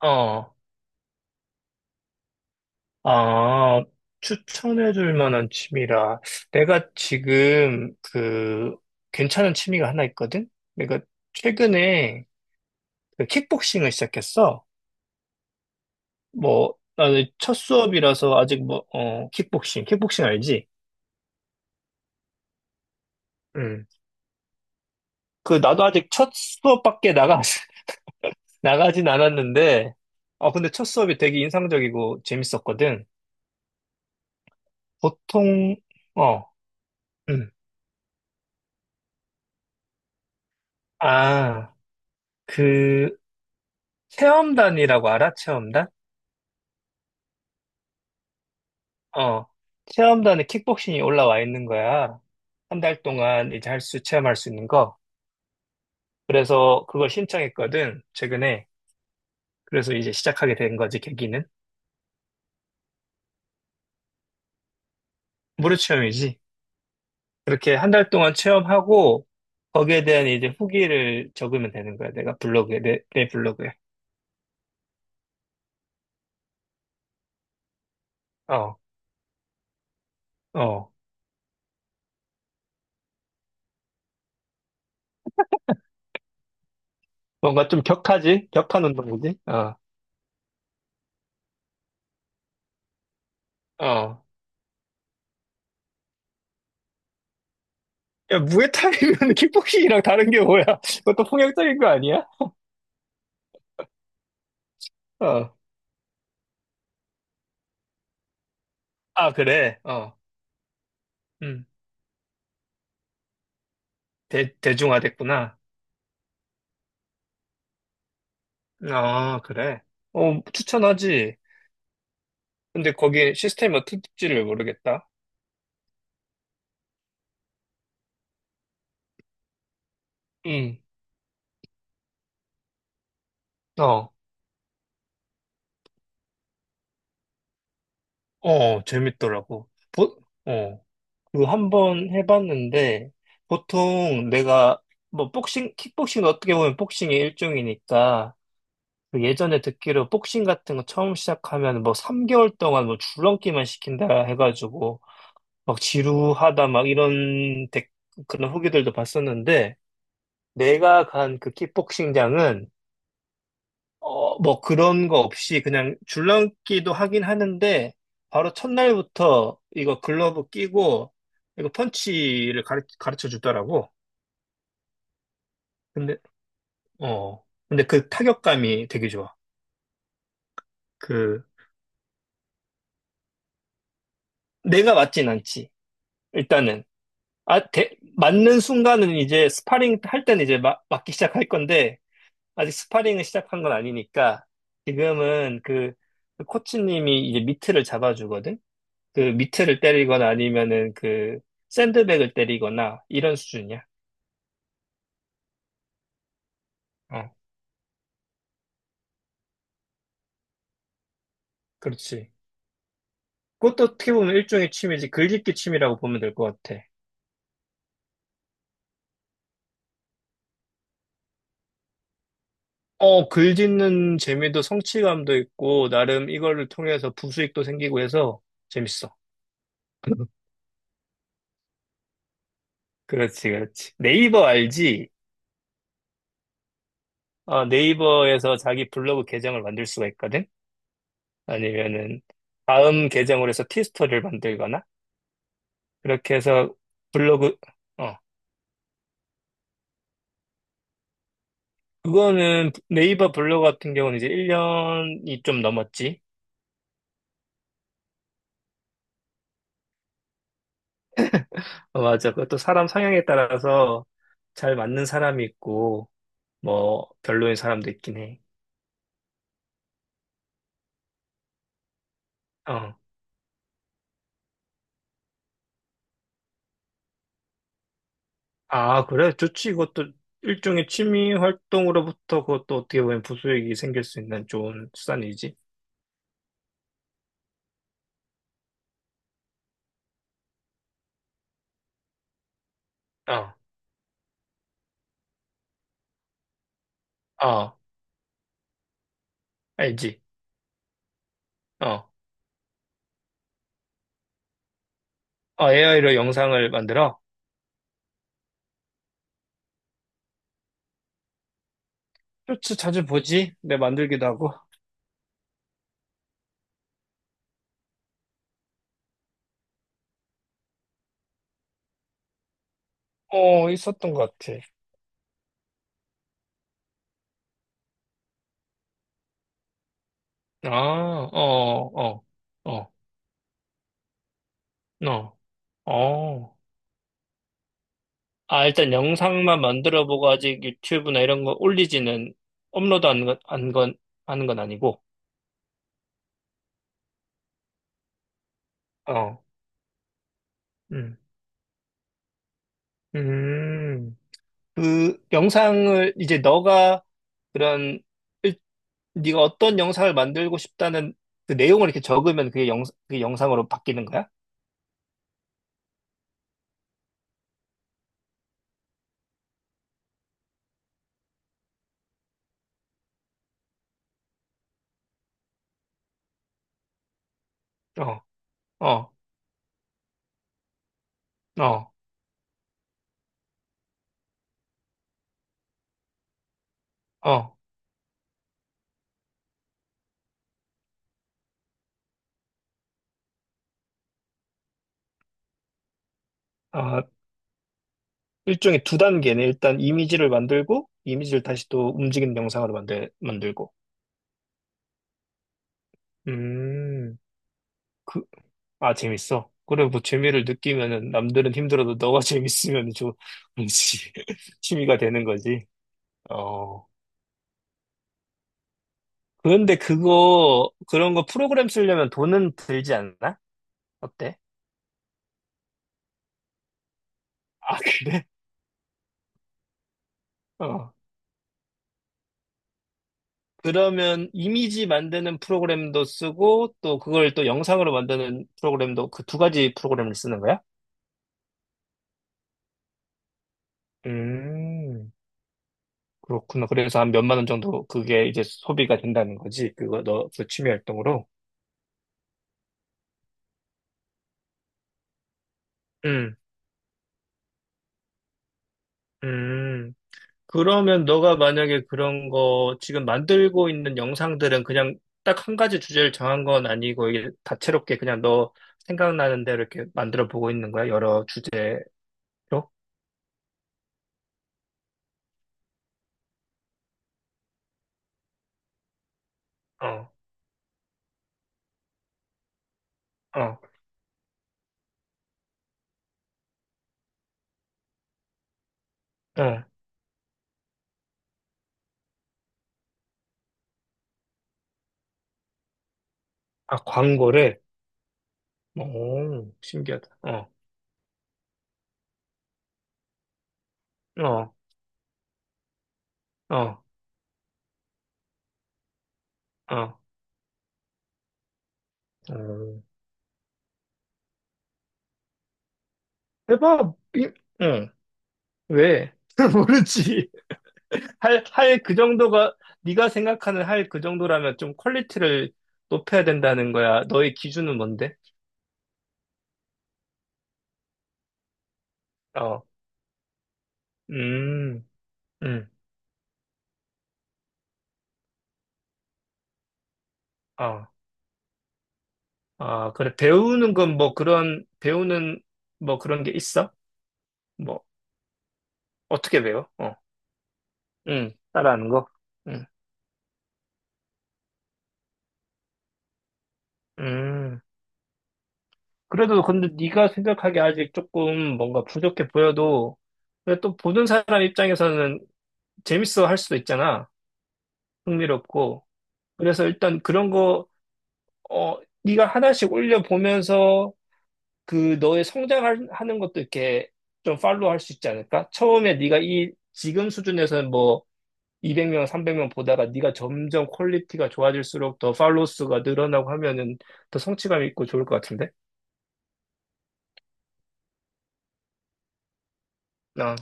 어, 아, 추천해줄 만한 취미라. 내가 지금 그 괜찮은 취미가 하나 있거든? 내가 최근에 그 킥복싱을 시작했어. 뭐, 나는 첫 수업이라서 아직 뭐, 킥복싱 알지? 응. 그, 나도 아직 나가진 않았는데, 근데 첫 수업이 되게 인상적이고 재밌었거든. 보통, 어, 응. 아, 그, 체험단이라고 알아? 체험단? 어. 체험단에 킥복싱이 올라와 있는 거야. 한 달 동안 이제 체험할 수 있는 거. 그래서 그걸 신청했거든, 최근에. 그래서 이제 시작하게 된 거지, 계기는. 무료 체험이지. 그렇게 한 달 동안 체험하고, 거기에 대한 이제 후기를 적으면 되는 거야. 내가 블로그에, 내 블로그에. 어, 어. 뭔가 좀 격하지? 격한 운동이지? 어, 어. 야, 무에타이면 킥복싱이랑 다른 게 뭐야? 그것도 폭력적인 거 아니야? 어, 아, 그래. 음, 대중화됐구나. 아, 그래. 추천하지. 근데 거기 시스템이 어떨지를 모르겠다. 응. 어, 재밌더라고. 어, 그 한 번 해봤는데, 보통 내가, 뭐, 복싱, 킥복싱 어떻게 보면 복싱의 일종이니까, 그 예전에 듣기로 복싱 같은 거 처음 시작하면 뭐 3개월 동안 뭐 줄넘기만 시킨다 해가지고, 막 지루하다, 그런 후기들도 봤었는데, 내가 간 그 킥복싱장은, 뭐 그런 거 없이 그냥 줄넘기도 하긴 하는데, 바로 첫날부터 이거 글러브 끼고, 이거 펀치를 가르쳐 주더라고. 근데, 근데 그 타격감이 되게 좋아. 그, 내가 맞진 않지. 일단은. 맞는 순간은 이제 스파링 할 때는 이제 막, 맞기 시작할 건데, 아직 스파링을 시작한 건 아니니까 지금은 그 코치님이 이제 미트를 잡아주거든? 그 미트를 때리거나 아니면은 그 샌드백을 때리거나 이런 수준이야. 어, 그렇지. 그것도 어떻게 보면 일종의 취미지. 글짓기 취미라고 보면 될 것 같아. 글짓는 재미도 성취감도 있고 나름 이거를 통해서 부수익도 생기고 해서 재밌어. 그렇지, 그렇지. 네이버 알지? 네이버에서 자기 블로그 계정을 만들 수가 있거든? 아니면은 다음 계정으로 해서 티스토리를 만들거나 그렇게 해서 블로그 어 그거는 네이버 블로그 같은 경우는 이제 1년이 좀 넘었지. 어, 맞아. 그것도 사람 성향에 따라서 잘 맞는 사람이 있고 뭐 별로인 사람도 있긴 해. 어. 아, 그래? 좋지. 이것도 일종의 취미 활동으로부터 그것도 어떻게 보면 부수익이 생길 수 있는 좋은 수단이지. 어. 어. 알지. 어. 어, AI로 영상을 만들어? 쇼츠 자주 보지? 내 만들기도 하고. 어, 있었던 것 같아. 아, 어, 어, 어, 어, 어. 아, 일단 영상만 만들어 보고 아직 유튜브나 이런 거 올리지는 업로드 안 건, 하는 건 아니고. 어, 음, 음. 그 영상을 이제 너가 그런 일- 네가 어떤 영상을 만들고 싶다는 그 내용을 이렇게 적으면 그게 영상으로 바뀌는 거야? 어, 어, 어, 어. 어, 일종의 두 단계네. 일단 이미지를 만들고, 이미지를 다시 또 움직이는 영상으로 만들고. 음, 그, 아, 재밌어. 그래, 뭐, 재미를 느끼면은, 남들은 힘들어도 너가 재밌으면 좀, 뭔지 취미가 되는 거지. 어. 그런데 그런 거 프로그램 쓰려면 돈은 들지 않나? 어때? 아, 그래? 어. 그러면 이미지 만드는 프로그램도 쓰고, 또 그걸 또 영상으로 만드는 프로그램도 그 두 가지 프로그램을 쓰는 거야? 음. 그렇구나. 그래서 한 몇만 원 정도 그게 이제 소비가 된다는 거지. 그 취미 활동으로. 음, 음. 그러면 너가 만약에 그런 거 지금 만들고 있는 영상들은 그냥 딱 한 가지 주제를 정한 건 아니고 이게 다채롭게 그냥 너 생각나는 대로 이렇게 만들어 보고 있는 거야? 여러 주제로? 어, 어, 어. 아, 광고를? 오, 신기하다. 어, 어, 어, 어. 어. 해봐. 응. 왜? 모르지. 할, 할 그 정도가, 네가 생각하는 할 그 정도라면 좀 퀄리티를 높여야 된다는 거야. 너의 기준은 뭔데? 어, 음, 음, 어, 아, 그래. 배우는 건 배우는 뭐 그런 게 있어? 뭐, 어떻게 배워? 따라하는 거? 음, 음. 그래도 근데 네가 생각하기에 아직 조금 뭔가 부족해 보여도, 근데 또 보는 사람 입장에서는 재밌어 할 수도 있잖아. 흥미롭고. 그래서 일단 그런 거, 네가 하나씩 올려보면서 그 너의 성장하는 것도 이렇게 좀 팔로우 할 수 있지 않을까? 처음에 네가 이 지금 수준에서는 뭐 200명, 300명 보다가 네가 점점 퀄리티가 좋아질수록 더 팔로우 수가 늘어나고 하면은 더 성취감 있고 좋을 것 같은데? 아,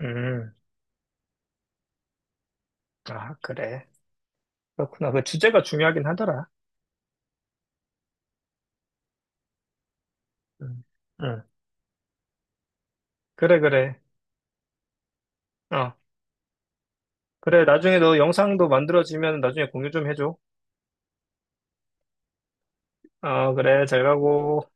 음, 아, 그래. 그렇구나. 그 주제가 중요하긴 하더라. 음, 음. 그래, 그래. 어, 그래. 나중에 너 영상도 만들어지면 나중에 공유 좀 해줘. 어, 그래. 잘 가고.